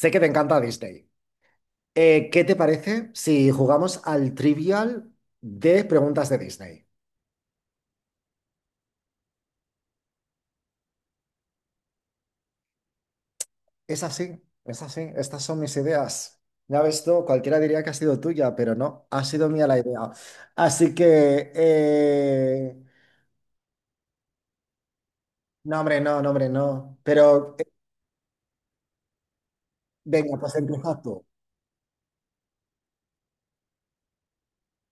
Sé que te encanta Disney. ¿Qué te parece si jugamos al trivial de preguntas de Disney? Es así, es así. Estas son mis ideas. Ya ves tú, cualquiera diría que ha sido tuya, pero no, ha sido mía la idea. Así que, no, hombre, no, no, hombre, no. Pero, venga, pues empieza tú,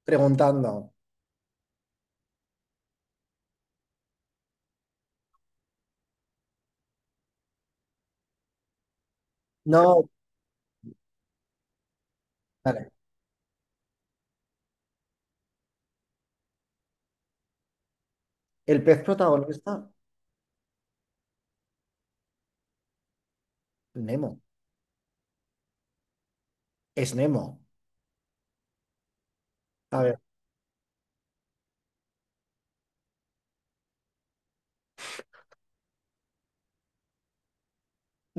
preguntando. No, vale. El pez protagonista, Nemo. Es Nemo. A ver,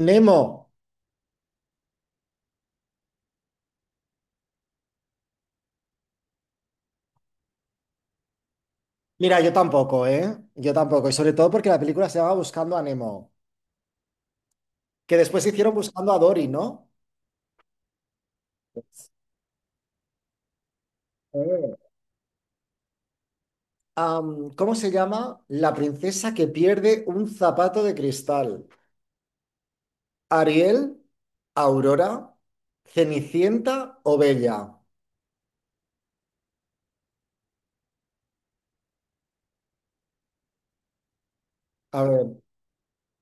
Nemo. Mira, yo tampoco, ¿eh? Yo tampoco. Y sobre todo porque la película se llama Buscando a Nemo, que después hicieron Buscando a Dory, ¿no? Eh. ¿Cómo se llama? La princesa que pierde un zapato de cristal. ¿Ariel, Aurora, Cenicienta o Bella? A ver,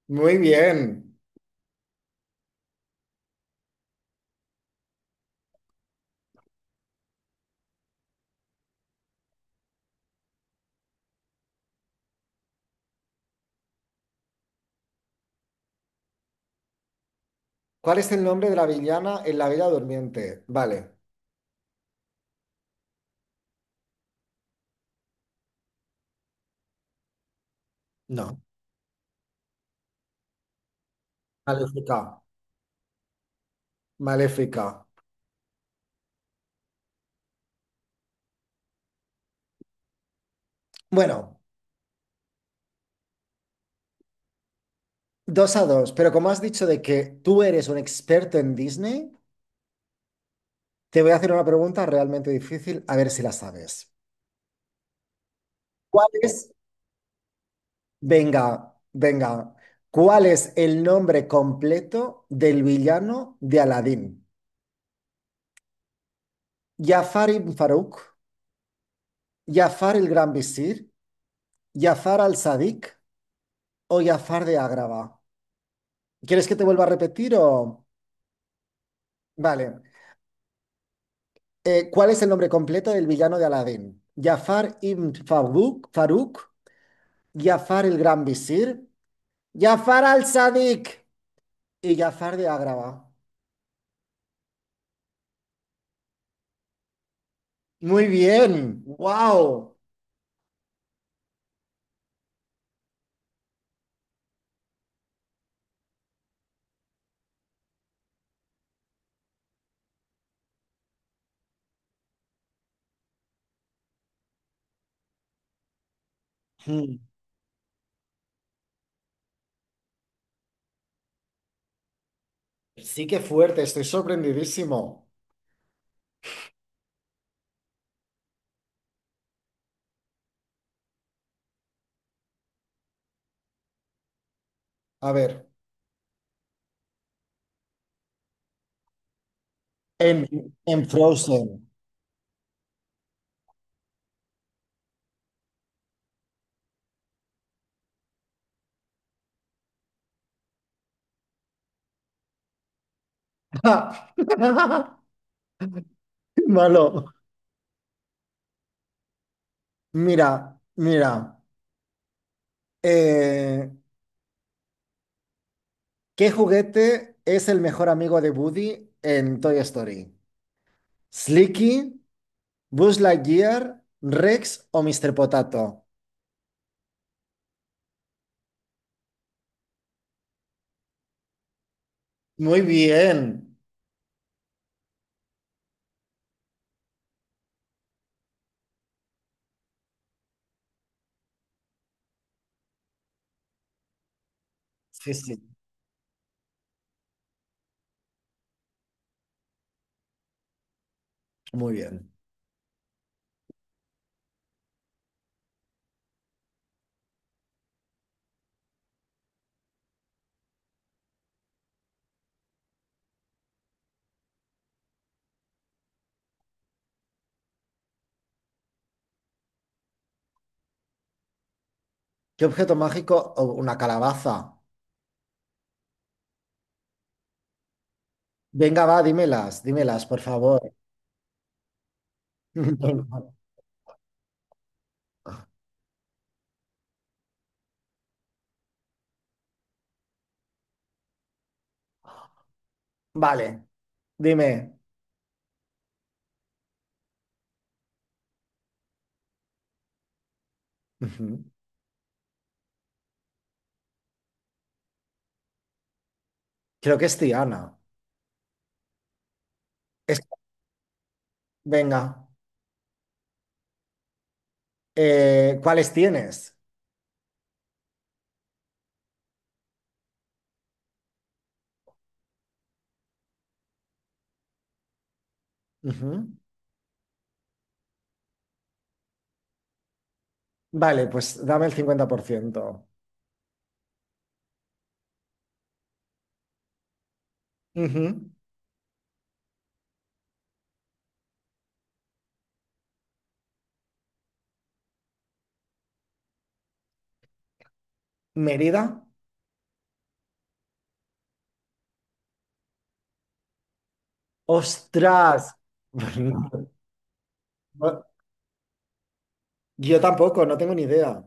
muy bien. ¿Cuál es el nombre de la villana en La Bella Durmiente? Vale, no. Maléfica. Maléfica. Bueno, dos a dos, pero como has dicho de que tú eres un experto en Disney. Te voy a hacer una pregunta realmente difícil, a ver si la sabes. ¿Cuál es, venga, venga, cuál es el nombre completo del villano de Aladín? ¿Jafar ibn Faruk, ¿Jafar el Gran Visir? ¿Jafar al-Sadiq o Jafar de Agrava? ¿Quieres que te vuelva a repetir o...? Vale. ¿Cuál es el nombre completo del villano de Aladín? ¿Jafar ibn Faruk, ¿Jafar el Gran Visir? ¿Jafar al-Sadiq? Y Jafar de Agrava. Muy bien, wow. Mm. Sí que fuerte, estoy sorprendidísimo. A ver, en Frozen. Malo. Mira, mira. eh, ¿Qué juguete es el mejor amigo de Woody en Toy Story? ¿Slinky, Buzz Lightyear, Rex o Mr. Potato? Muy bien. Sí, sí, muy bien. ¿Qué objeto mágico? O una calabaza. Venga, va, dímelas, dímelas, por favor. Venga. Vale, dime. Ujú. Creo que es Tiana. Es- Venga, ¿cuáles tienes? Ujú. Vale, pues dame el 50%. Ujú. ¿Mérida? ¡Ostras! No, yo tampoco, no tengo ni idea.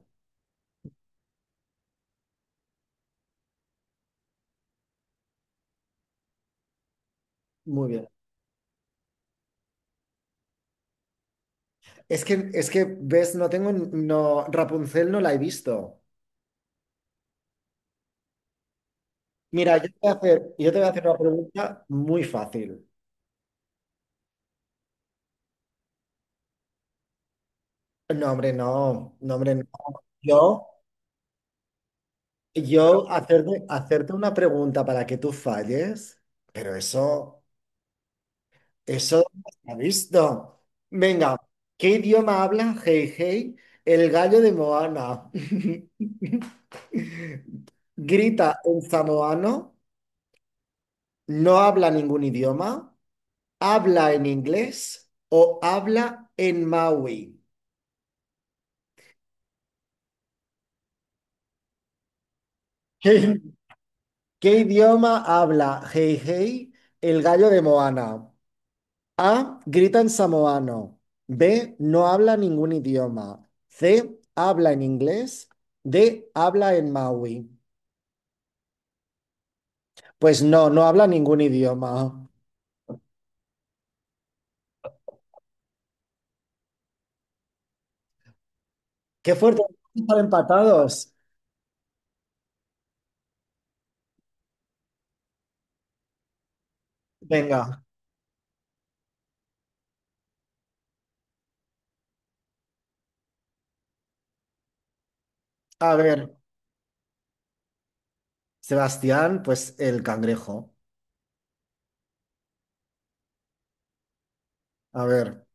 Muy bien. Es que, ves, no tengo, no, Rapunzel no la he visto. Mira, yo te voy a hacer, yo te voy a hacer una pregunta muy fácil. No, hombre, no, no, hombre, Yo, yo hacerte, hacerte una pregunta para que tú falles, pero eso no se ha visto. Venga, ¿qué idioma habla Hey Hey, el gallo de Moana? Grita en samoano, no habla ningún idioma, habla en inglés o habla en Maui. ¿Qué, ¿qué idioma habla Hey Hey, el gallo de Moana? A. Grita en samoano. B. No habla ningún idioma. C. Habla en inglés. D. Habla en maui. Pues no, no habla ningún idioma. Qué fuerte, están empatados. Venga, a ver. Sebastián, pues el cangrejo. A ver,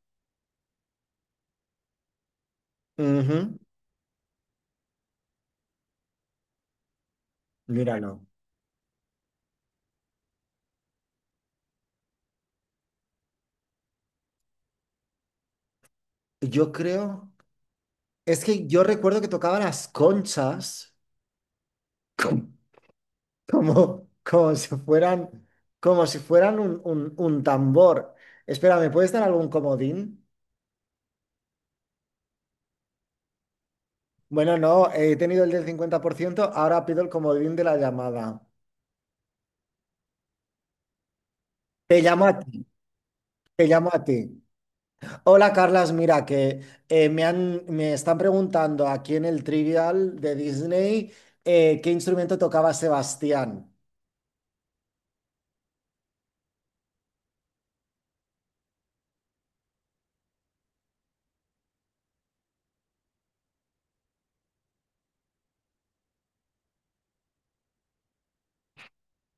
ujú. Míralo. Yo creo. Es que yo recuerdo que tocaba las conchas. Como, como si fueran un tambor. Espera, ¿me puedes dar algún comodín? Bueno, no, he tenido el del cincuenta por ciento, ahora pido el comodín de la llamada. Te llamo a ti, te llamo a ti. Hola, Carlas, mira que me han, me están preguntando aquí en el Trivial de Disney qué instrumento tocaba Sebastián.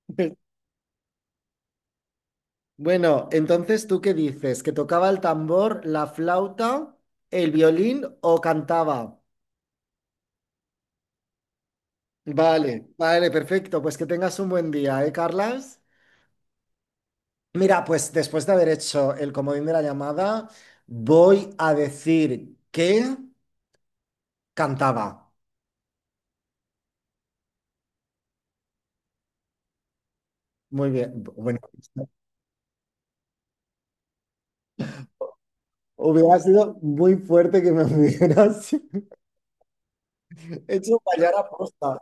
Bueno, entonces, ¿tú qué dices? ¿Que tocaba el tambor, la flauta, el violín o cantaba? Vale, vale, perfecto. Pues que tengas un buen día, ¿eh, Carlas? Mira, pues después de haber hecho el comodín de la llamada, voy a decir que cantaba. Muy bien. Bueno, hubiera sido muy fuerte que me hubieras hecho fallar a posta.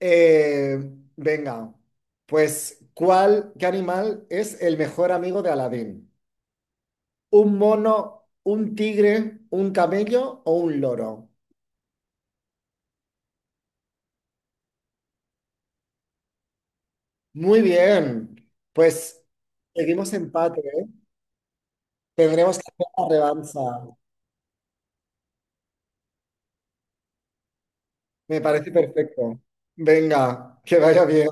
Eh, venga, pues, ¿cuál, qué animal es el mejor amigo de Aladín? ¿Un mono, un tigre, un camello o un loro? Muy bien, pues seguimos empate, ¿eh? Tendremos que hacer la revancha. Me parece perfecto. Venga, que vaya bien.